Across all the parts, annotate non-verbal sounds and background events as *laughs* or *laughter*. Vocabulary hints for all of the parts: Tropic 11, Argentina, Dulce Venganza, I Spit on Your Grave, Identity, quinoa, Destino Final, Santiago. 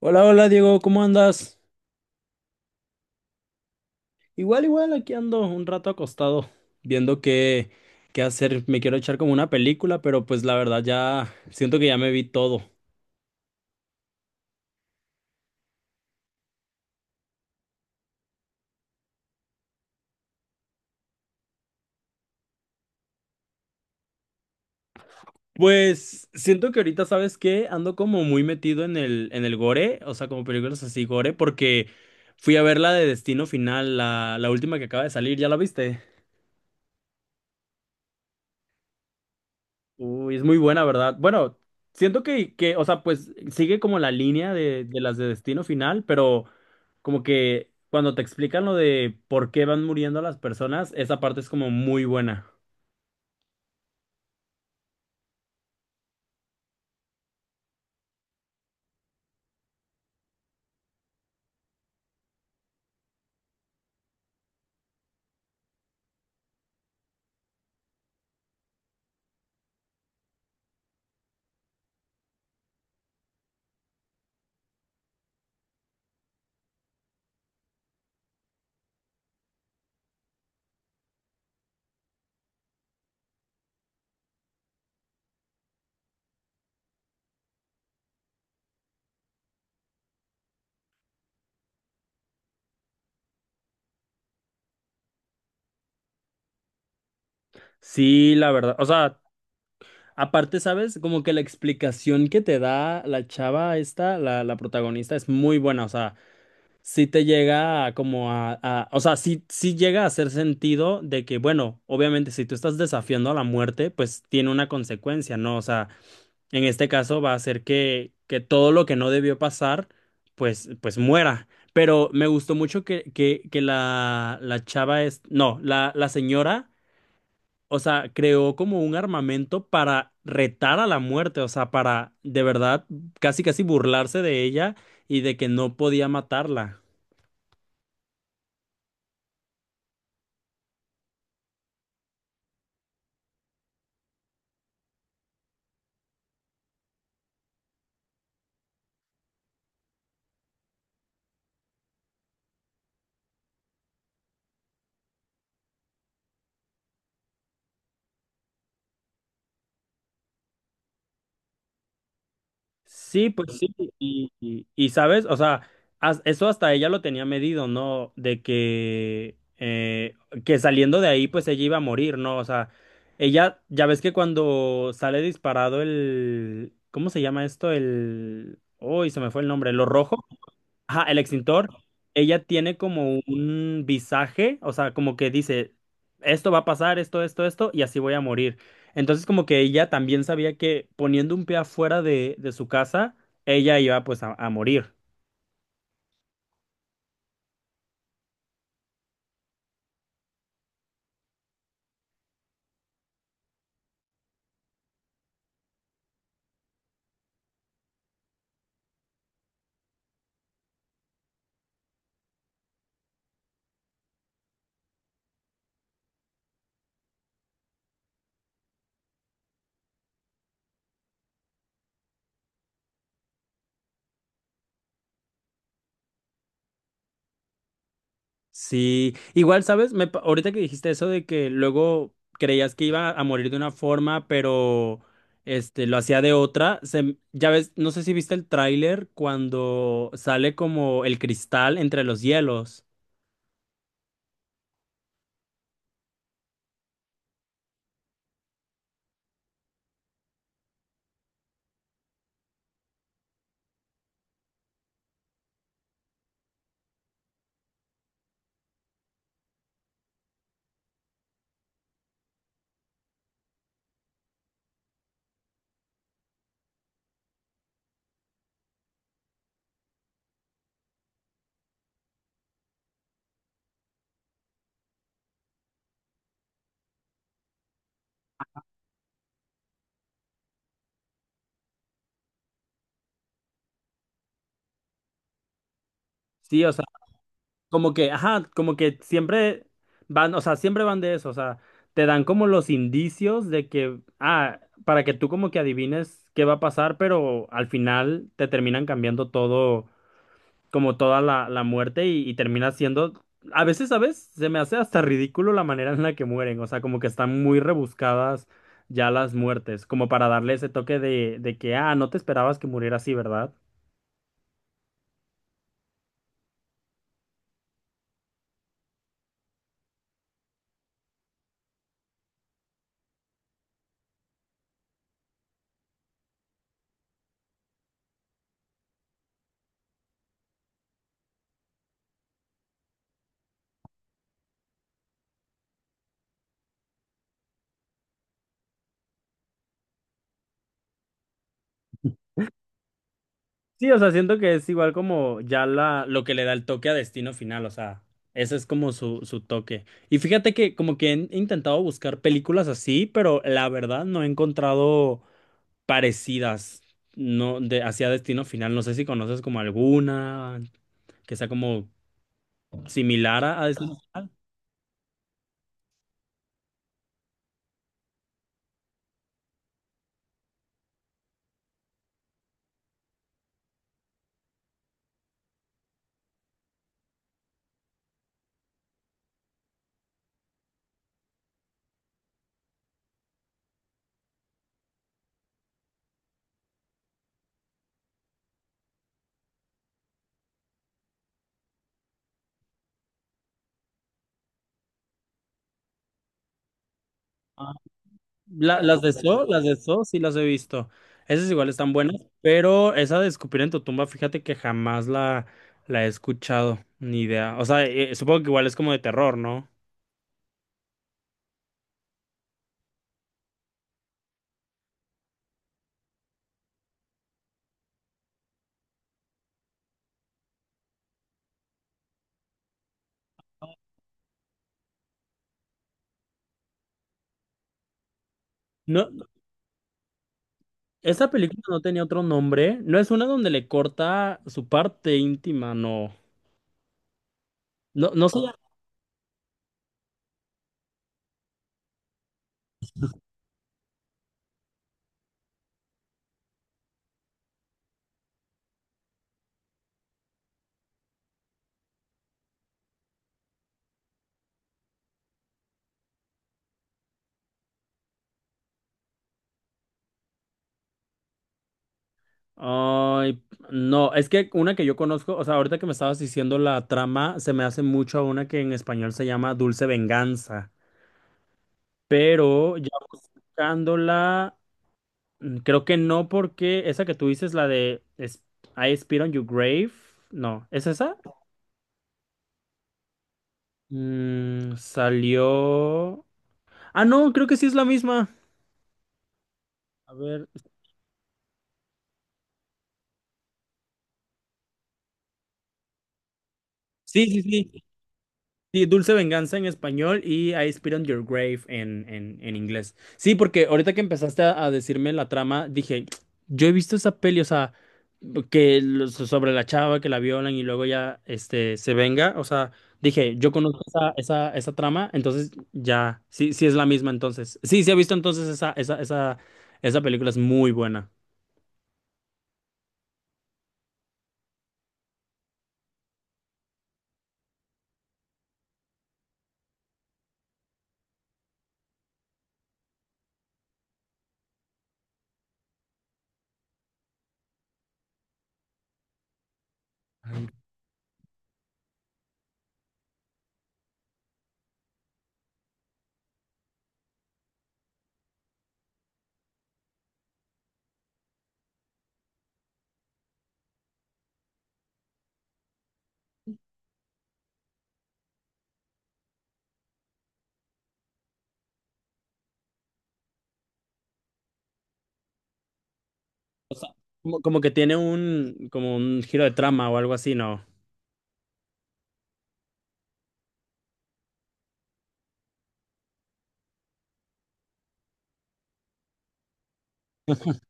Hola, hola Diego, ¿cómo andas? Igual, igual, aquí ando un rato acostado, viendo qué hacer. Me quiero echar como una película, pero pues la verdad ya siento que ya me vi todo. Pues siento que ahorita, ¿sabes qué? Ando como muy metido en el gore, o sea, como películas así gore, porque fui a ver la de Destino Final, la última que acaba de salir, ¿ya la viste? Uy, es muy buena, ¿verdad? Bueno, siento que, o sea, pues sigue como la línea de las de Destino Final, pero como que cuando te explican lo de por qué van muriendo las personas, esa parte es como muy buena. Sí, la verdad. O sea, aparte, ¿sabes? Como que la explicación que te da la chava esta, la protagonista, es muy buena. O sea, sí te llega a o sea, sí llega a hacer sentido de que, bueno, obviamente si tú estás desafiando a la muerte, pues tiene una consecuencia, ¿no? O sea, en este caso va a hacer que todo lo que no debió pasar, pues muera. Pero me gustó mucho que la chava es, no, la señora, o sea, creó como un armamento para retar a la muerte, o sea, para de verdad casi casi burlarse de ella y de que no podía matarla. Sí, pues sí, y, sabes, o sea, eso hasta ella lo tenía medido, ¿no? De que, que saliendo de ahí, pues ella iba a morir, ¿no? O sea, ella, ya ves que cuando sale disparado el, ¿cómo se llama esto? El, uy, se me fue el nombre, lo rojo. Ajá, el extintor, ella tiene como un visaje, o sea, como que dice, esto va a pasar, esto, y así voy a morir. Entonces, como que ella también sabía que poniendo un pie afuera de su casa, ella iba pues a morir. Sí, igual, ¿sabes? Ahorita que dijiste eso de que luego creías que iba a morir de una forma, pero este lo hacía de otra, ya ves, no sé si viste el tráiler cuando sale como el cristal entre los hielos. Sí, o sea, como que, ajá, como que siempre van, o sea, siempre van de eso, o sea, te dan como los indicios de que, ah, para que tú como que adivines qué va a pasar, pero al final te terminan cambiando todo como toda la muerte y termina siendo, a veces, ¿sabes? Se me hace hasta ridículo la manera en la que mueren, o sea, como que están muy rebuscadas ya las muertes, como para darle ese toque de que, ah, no te esperabas que muriera así, ¿verdad? *laughs* Sí, o sea, siento que es igual como ya la, lo que le da el toque a Destino Final, o sea, ese es como su toque. Y fíjate que como que he intentado buscar películas así, pero la verdad no he encontrado parecidas, no, de, hacia Destino Final. No sé si conoces como alguna que sea como similar a Destino. Las de So, las de So sí las he visto. Esas igual están buenas, pero esa de Escupir en tu tumba, fíjate que jamás la he escuchado, ni idea. O sea, supongo que igual es como de terror, ¿no? No, esa película no tenía otro nombre. No es una donde le corta su parte íntima, no. No, no sé. Ay, no, es que una que yo conozco, o sea, ahorita que me estabas diciendo la trama, se me hace mucho a una que en español se llama Dulce Venganza, pero ya buscándola, mm, creo que no porque esa que tú dices, I Spit on Your Grave, no, ¿es esa? Mm, salió. Ah, no, creo que sí es la misma. A ver, sí, sí, sí. Sí, Dulce Venganza en español y I Spit on Your Grave en inglés. Sí, porque ahorita que empezaste a decirme la trama, dije, yo he visto esa peli, o sea, sobre la chava que la violan y luego ya este, se venga, o sea, dije, yo conozco esa trama, entonces ya, sí, sí es la misma entonces. Sí, sí he visto entonces esa película es muy buena. O sea, como, como que tiene un, como un giro de trama o algo así, ¿no? *laughs*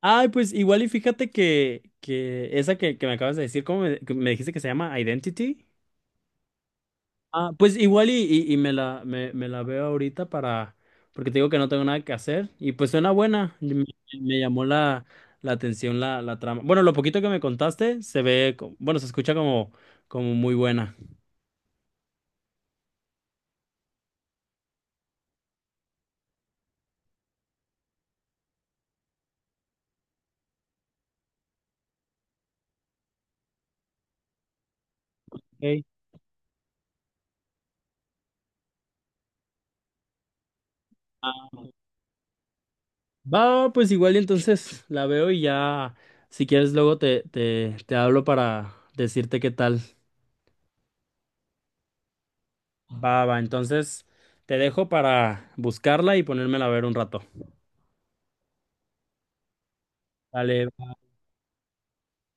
Ay, pues igual y fíjate que esa que me acabas de decir, ¿cómo me, que me dijiste que se llama Identity? Ah, pues igual y me me la veo ahorita para, porque te digo que no tengo nada que hacer y pues suena buena, y me llamó la atención la trama. Bueno, lo poquito que me contaste se ve, bueno, se escucha como, como muy buena. Ok. Ah, va, pues igual y entonces la veo y ya, si quieres luego te hablo para decirte qué tal. Va, va, entonces te dejo para buscarla y ponérmela a ver un rato. Dale,